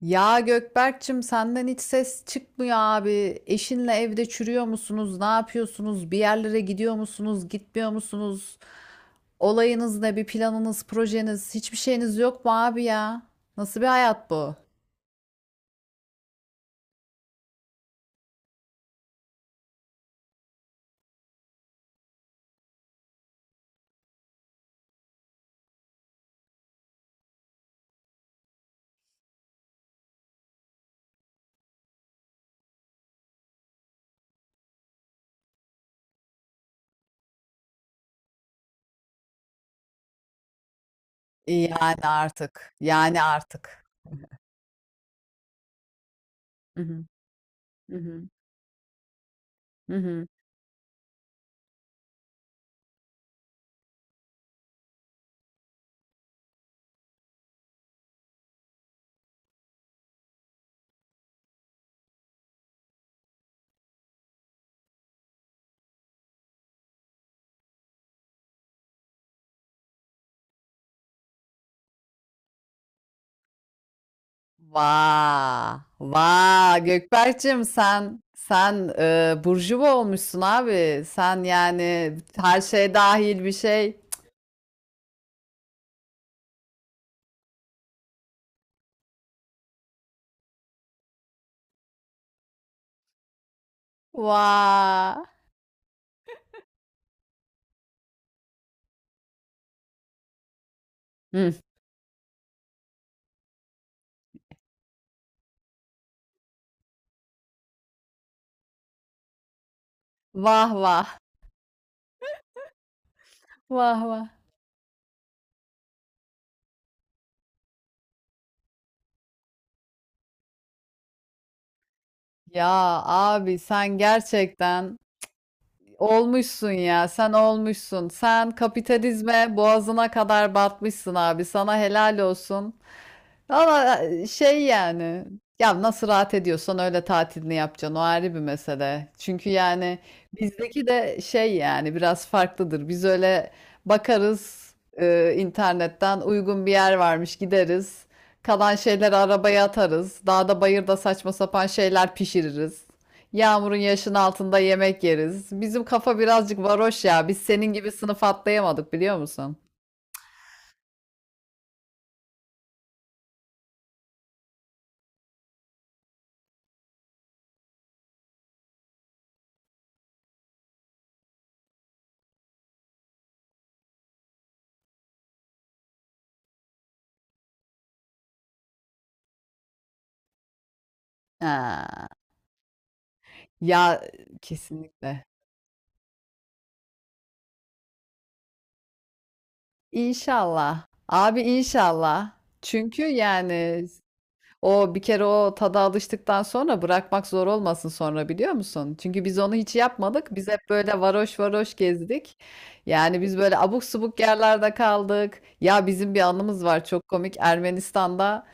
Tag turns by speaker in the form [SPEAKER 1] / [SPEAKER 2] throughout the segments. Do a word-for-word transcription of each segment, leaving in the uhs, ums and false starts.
[SPEAKER 1] Ya Gökberk'cim senden hiç ses çıkmıyor abi. Eşinle evde çürüyor musunuz? Ne yapıyorsunuz? Bir yerlere gidiyor musunuz? Gitmiyor musunuz? Olayınız ne? Bir planınız, projeniz, hiçbir şeyiniz yok mu abi ya? Nasıl bir hayat bu? Yani artık. Yani artık. Hı hı. Hı hı. Hı hı. Vaa. Vaa Gökberk'cim sen sen e, burjuva olmuşsun abi. Sen yani her şey dahil bir şey. Vay. Hıh. Vah vah. Vah vah. Ya abi sen gerçekten olmuşsun ya. Sen olmuşsun. Sen kapitalizme boğazına kadar batmışsın abi. Sana helal olsun. Valla e, şey yani ya nasıl rahat ediyorsan öyle tatilini yapacaksın, o ayrı bir mesele. Çünkü yani bizdeki de şey yani biraz farklıdır. Biz öyle bakarız, e, internetten uygun bir yer varmış gideriz. Kalan şeyleri arabaya atarız. Dağda bayırda saçma sapan şeyler pişiririz. Yağmurun yaşın altında yemek yeriz. Bizim kafa birazcık varoş ya. Biz senin gibi sınıf atlayamadık biliyor musun? Ha. Ya kesinlikle. İnşallah. Abi inşallah. Çünkü yani o bir kere o tada alıştıktan sonra bırakmak zor olmasın sonra biliyor musun? Çünkü biz onu hiç yapmadık. Biz hep böyle varoş varoş gezdik. Yani biz böyle abuk subuk yerlerde kaldık. Ya bizim bir anımız var çok komik. Ermenistan'da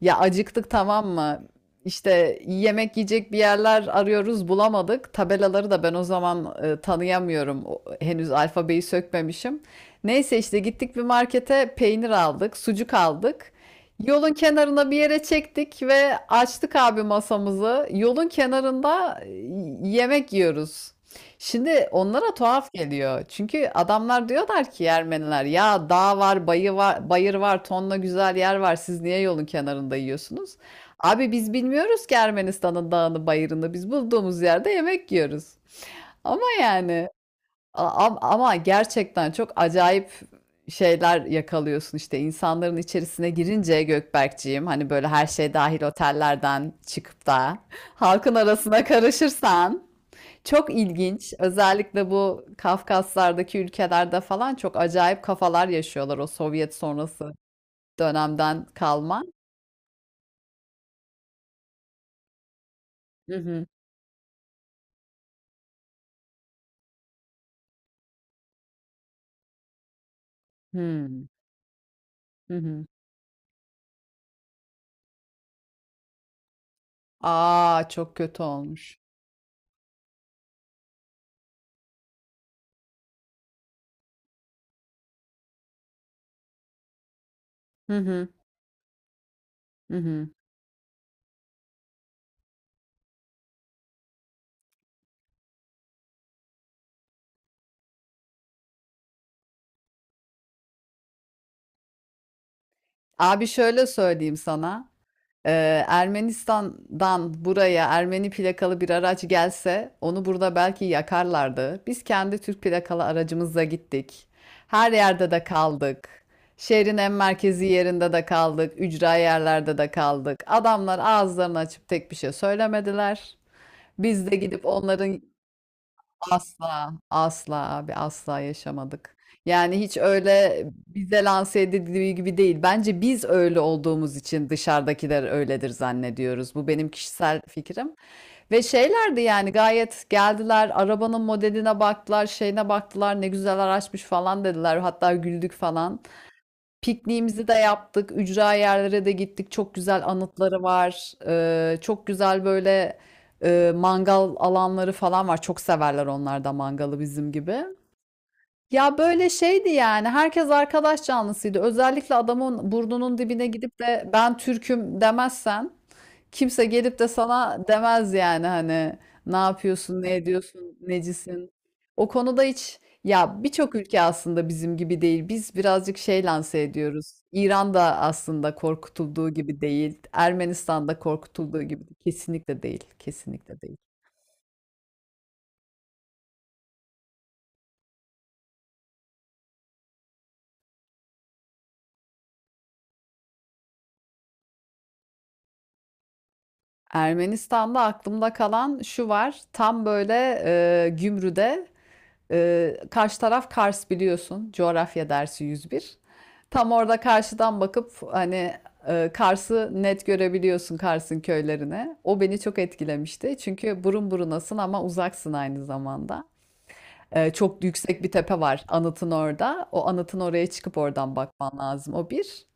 [SPEAKER 1] ya acıktık, tamam mı? İşte yemek yiyecek bir yerler arıyoruz, bulamadık. Tabelaları da ben o zaman e, tanıyamıyorum. O- henüz alfabeyi sökmemişim. Neyse işte gittik bir markete, peynir aldık, sucuk aldık. Yolun kenarına bir yere çektik ve açtık abi masamızı. Yolun kenarında e, yemek yiyoruz. Şimdi onlara tuhaf geliyor. Çünkü adamlar diyorlar ki Ermeniler ya, dağ var, bayı var, bayır var, tonla güzel yer var. Siz niye yolun kenarında yiyorsunuz? Abi biz bilmiyoruz ki Ermenistan'ın dağını, bayırını. Biz bulduğumuz yerde yemek yiyoruz. Ama yani A- am- ama gerçekten çok acayip şeyler yakalıyorsun işte insanların içerisine girince Gökberkciğim, hani böyle her şey dahil otellerden çıkıp da halkın arasına karışırsan çok ilginç, özellikle bu Kafkaslardaki ülkelerde falan çok acayip kafalar yaşıyorlar, o Sovyet sonrası dönemden kalma. Hı hı. Hı hı. Hı. Aa, çok kötü olmuş. Hı hı. Hı hı. Abi şöyle söyleyeyim sana. Ee, Ermenistan'dan buraya Ermeni plakalı bir araç gelse onu burada belki yakarlardı. Biz kendi Türk plakalı aracımızla gittik. Her yerde de kaldık. Şehrin en merkezi yerinde de kaldık. Ücra yerlerde de kaldık. Adamlar ağızlarını açıp tek bir şey söylemediler. Biz de gidip onların. Asla, asla abi, asla yaşamadık. Yani hiç öyle bize lanse edildiği gibi değil. Bence biz öyle olduğumuz için dışarıdakiler öyledir zannediyoruz. Bu benim kişisel fikrim. Ve şeylerdi yani, gayet geldiler, arabanın modeline baktılar, şeyine baktılar, ne güzel araçmış falan dediler. Hatta güldük falan. Pikniğimizi de yaptık. Ücra yerlere de gittik. Çok güzel anıtları var. Ee, çok güzel böyle e, mangal alanları falan var. Çok severler onlar da mangalı bizim gibi. Ya böyle şeydi yani. Herkes arkadaş canlısıydı. Özellikle adamın burnunun dibine gidip de ben Türk'üm demezsen kimse gelip de sana demez yani, hani ne yapıyorsun, ne ediyorsun, necisin. O konuda hiç, ya birçok ülke aslında bizim gibi değil. Biz birazcık şey lanse ediyoruz. İran da aslında korkutulduğu gibi değil. Ermenistan da korkutulduğu gibi kesinlikle değil. Kesinlikle değil. Ermenistan'da aklımda kalan şu var. Tam böyle e, Gümrü'de, Ee, karşı taraf Kars biliyorsun. Coğrafya dersi yüz bir. Tam orada karşıdan bakıp hani e, Kars'ı net görebiliyorsun, Kars'ın köylerine. O beni çok etkilemişti. Çünkü burun burunasın ama uzaksın aynı zamanda. Ee, çok yüksek bir tepe var anıtın orada. O anıtın oraya çıkıp oradan bakman lazım. O bir.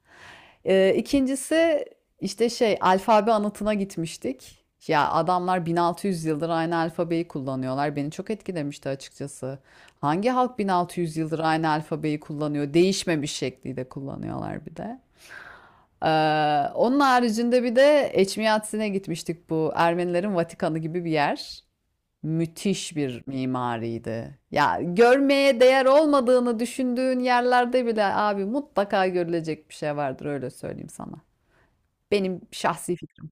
[SPEAKER 1] Ee, İkincisi işte şey alfabe anıtına gitmiştik. Ya adamlar bin altı yüz yıldır aynı alfabeyi kullanıyorlar. Beni çok etkilemişti açıkçası. Hangi halk bin altı yüz yıldır aynı alfabeyi kullanıyor? Değişmemiş şekliyle kullanıyorlar bir de. Ee, onun haricinde bir de Eçmiyatsi'ne gitmiştik, bu Ermenilerin Vatikanı gibi bir yer. Müthiş bir mimariydi. Ya görmeye değer olmadığını düşündüğün yerlerde bile abi mutlaka görülecek bir şey vardır, öyle söyleyeyim sana. Benim şahsi fikrim.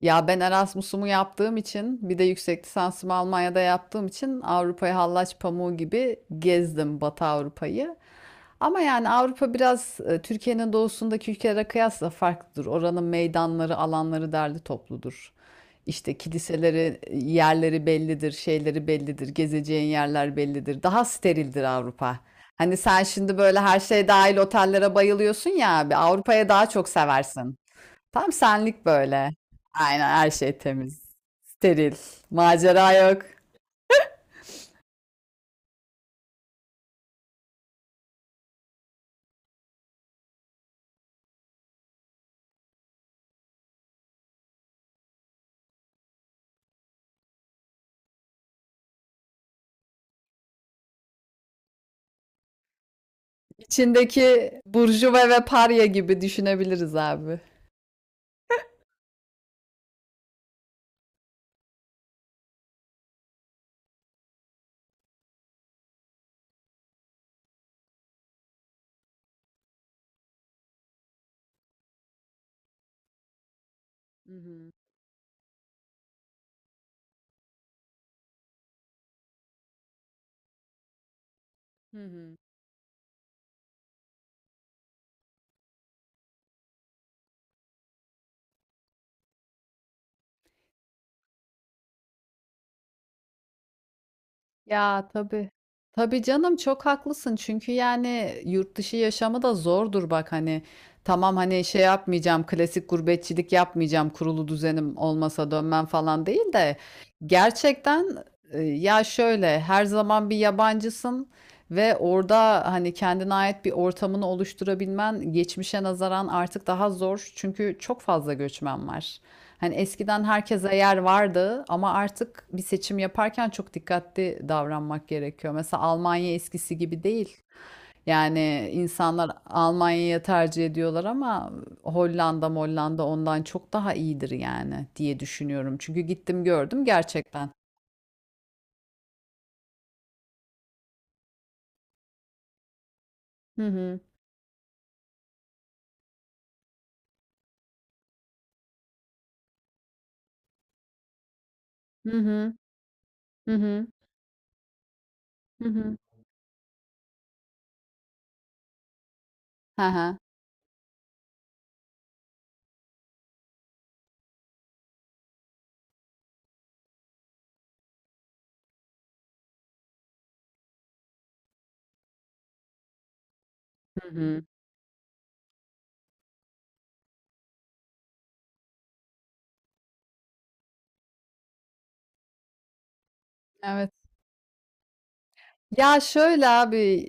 [SPEAKER 1] Ya ben Erasmus'umu yaptığım için, bir de yüksek lisansımı Almanya'da yaptığım için Avrupa'yı hallaç pamuğu gibi gezdim, Batı Avrupa'yı. Ama yani Avrupa biraz e, Türkiye'nin doğusundaki ülkelere kıyasla farklıdır. Oranın meydanları, alanları derli topludur. İşte kiliseleri, e, yerleri bellidir, şeyleri bellidir, gezeceğin yerler bellidir. Daha sterildir Avrupa. Hani sen şimdi böyle her şey dahil otellere bayılıyorsun ya abi, Avrupa'ya daha çok seversin. Tam senlik böyle. Aynen her şey temiz. Steril. Macera yok. İçindeki burjuva ve parya gibi düşünebiliriz abi. Hı hı, hı hı. Ya tabii. Tabii canım, çok haklısın. Çünkü yani yurt dışı yaşamı da zordur bak hani. Tamam hani şey yapmayacağım, klasik gurbetçilik yapmayacağım, kurulu düzenim olmasa dönmem falan değil de gerçekten e, ya şöyle her zaman bir yabancısın. Ve orada hani kendine ait bir ortamını oluşturabilmen geçmişe nazaran artık daha zor. Çünkü çok fazla göçmen var. Hani eskiden herkese yer vardı ama artık bir seçim yaparken çok dikkatli davranmak gerekiyor. Mesela Almanya eskisi gibi değil. Yani insanlar Almanya'ya tercih ediyorlar ama Hollanda, Molland'a ondan çok daha iyidir yani diye düşünüyorum. Çünkü gittim gördüm gerçekten. Hı hı. Hı hı. Hı hı. Hı hı. Hı hı. Hı hı. Evet. Ya şöyle abi,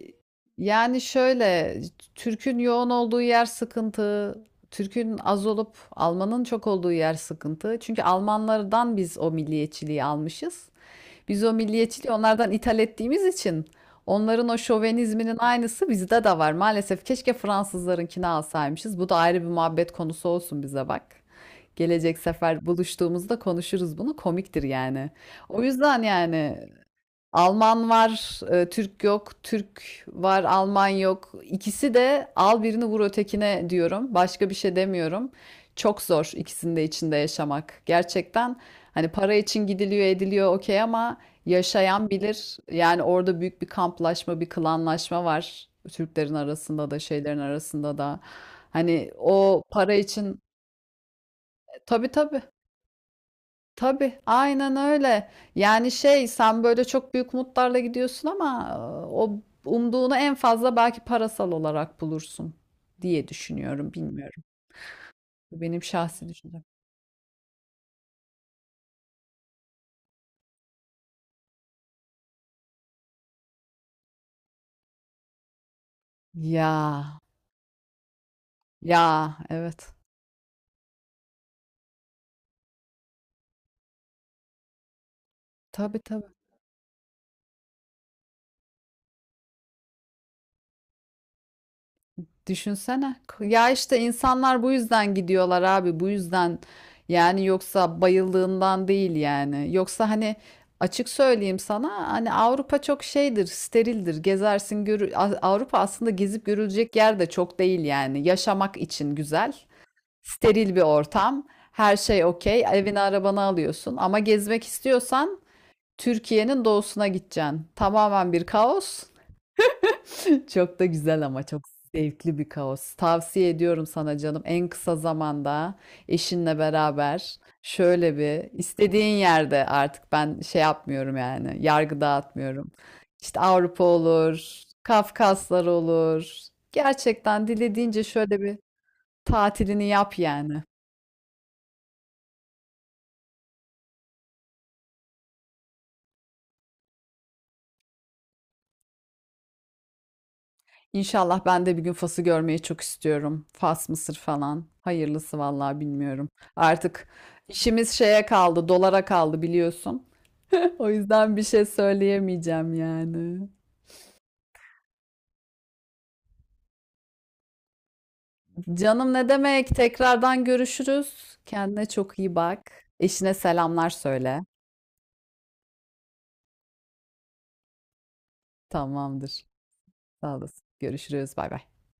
[SPEAKER 1] yani şöyle, Türk'ün yoğun olduğu yer sıkıntı. Türk'ün az olup Alman'ın çok olduğu yer sıkıntı. Çünkü Almanlardan biz o milliyetçiliği almışız. Biz o milliyetçiliği onlardan ithal ettiğimiz için onların o şovenizminin aynısı bizde de var. Maalesef keşke Fransızlarınkini alsaymışız. Bu da ayrı bir muhabbet konusu olsun bize bak. Gelecek sefer buluştuğumuzda konuşuruz bunu. Komiktir yani. O yüzden yani Alman var, e, Türk yok, Türk var, Alman yok. İkisi de al birini vur ötekine diyorum. Başka bir şey demiyorum. Çok zor ikisinin de içinde yaşamak. Gerçekten hani para için gidiliyor, ediliyor okey ama yaşayan bilir. Yani orada büyük bir kamplaşma, bir klanlaşma var. Türklerin arasında da, şeylerin arasında da. Hani o para için, tabii tabii. Tabii, aynen öyle. Yani şey, sen böyle çok büyük umutlarla gidiyorsun ama e, o umduğunu en fazla belki parasal olarak bulursun diye düşünüyorum, bilmiyorum. Bu benim şahsi düşüncem. Ya, ya, evet. Tabii tabii. Düşünsene. Ya işte insanlar bu yüzden gidiyorlar abi. Bu yüzden yani, yoksa bayıldığından değil yani. Yoksa hani açık söyleyeyim sana, hani Avrupa çok şeydir, sterildir. Gezersin görü. Avrupa aslında gezip görülecek yer de çok değil yani. Yaşamak için güzel. Steril bir ortam. Her şey okey. Evini arabanı alıyorsun. Ama gezmek istiyorsan Türkiye'nin doğusuna gideceksin. Tamamen bir kaos. Çok da güzel ama çok zevkli bir kaos. Tavsiye ediyorum sana canım, en kısa zamanda eşinle beraber şöyle bir istediğin yerde, artık ben şey yapmıyorum yani, yargı dağıtmıyorum. İşte Avrupa olur, Kafkaslar olur. Gerçekten dilediğince şöyle bir tatilini yap yani. İnşallah ben de bir gün Fas'ı görmeyi çok istiyorum. Fas, Mısır falan. Hayırlısı vallahi bilmiyorum. Artık işimiz şeye kaldı, dolara kaldı biliyorsun. O yüzden bir şey söyleyemeyeceğim yani. Canım ne demek? Tekrardan görüşürüz. Kendine çok iyi bak. Eşine selamlar söyle. Tamamdır. Sağ olasın. Görüşürüz. Bay bay.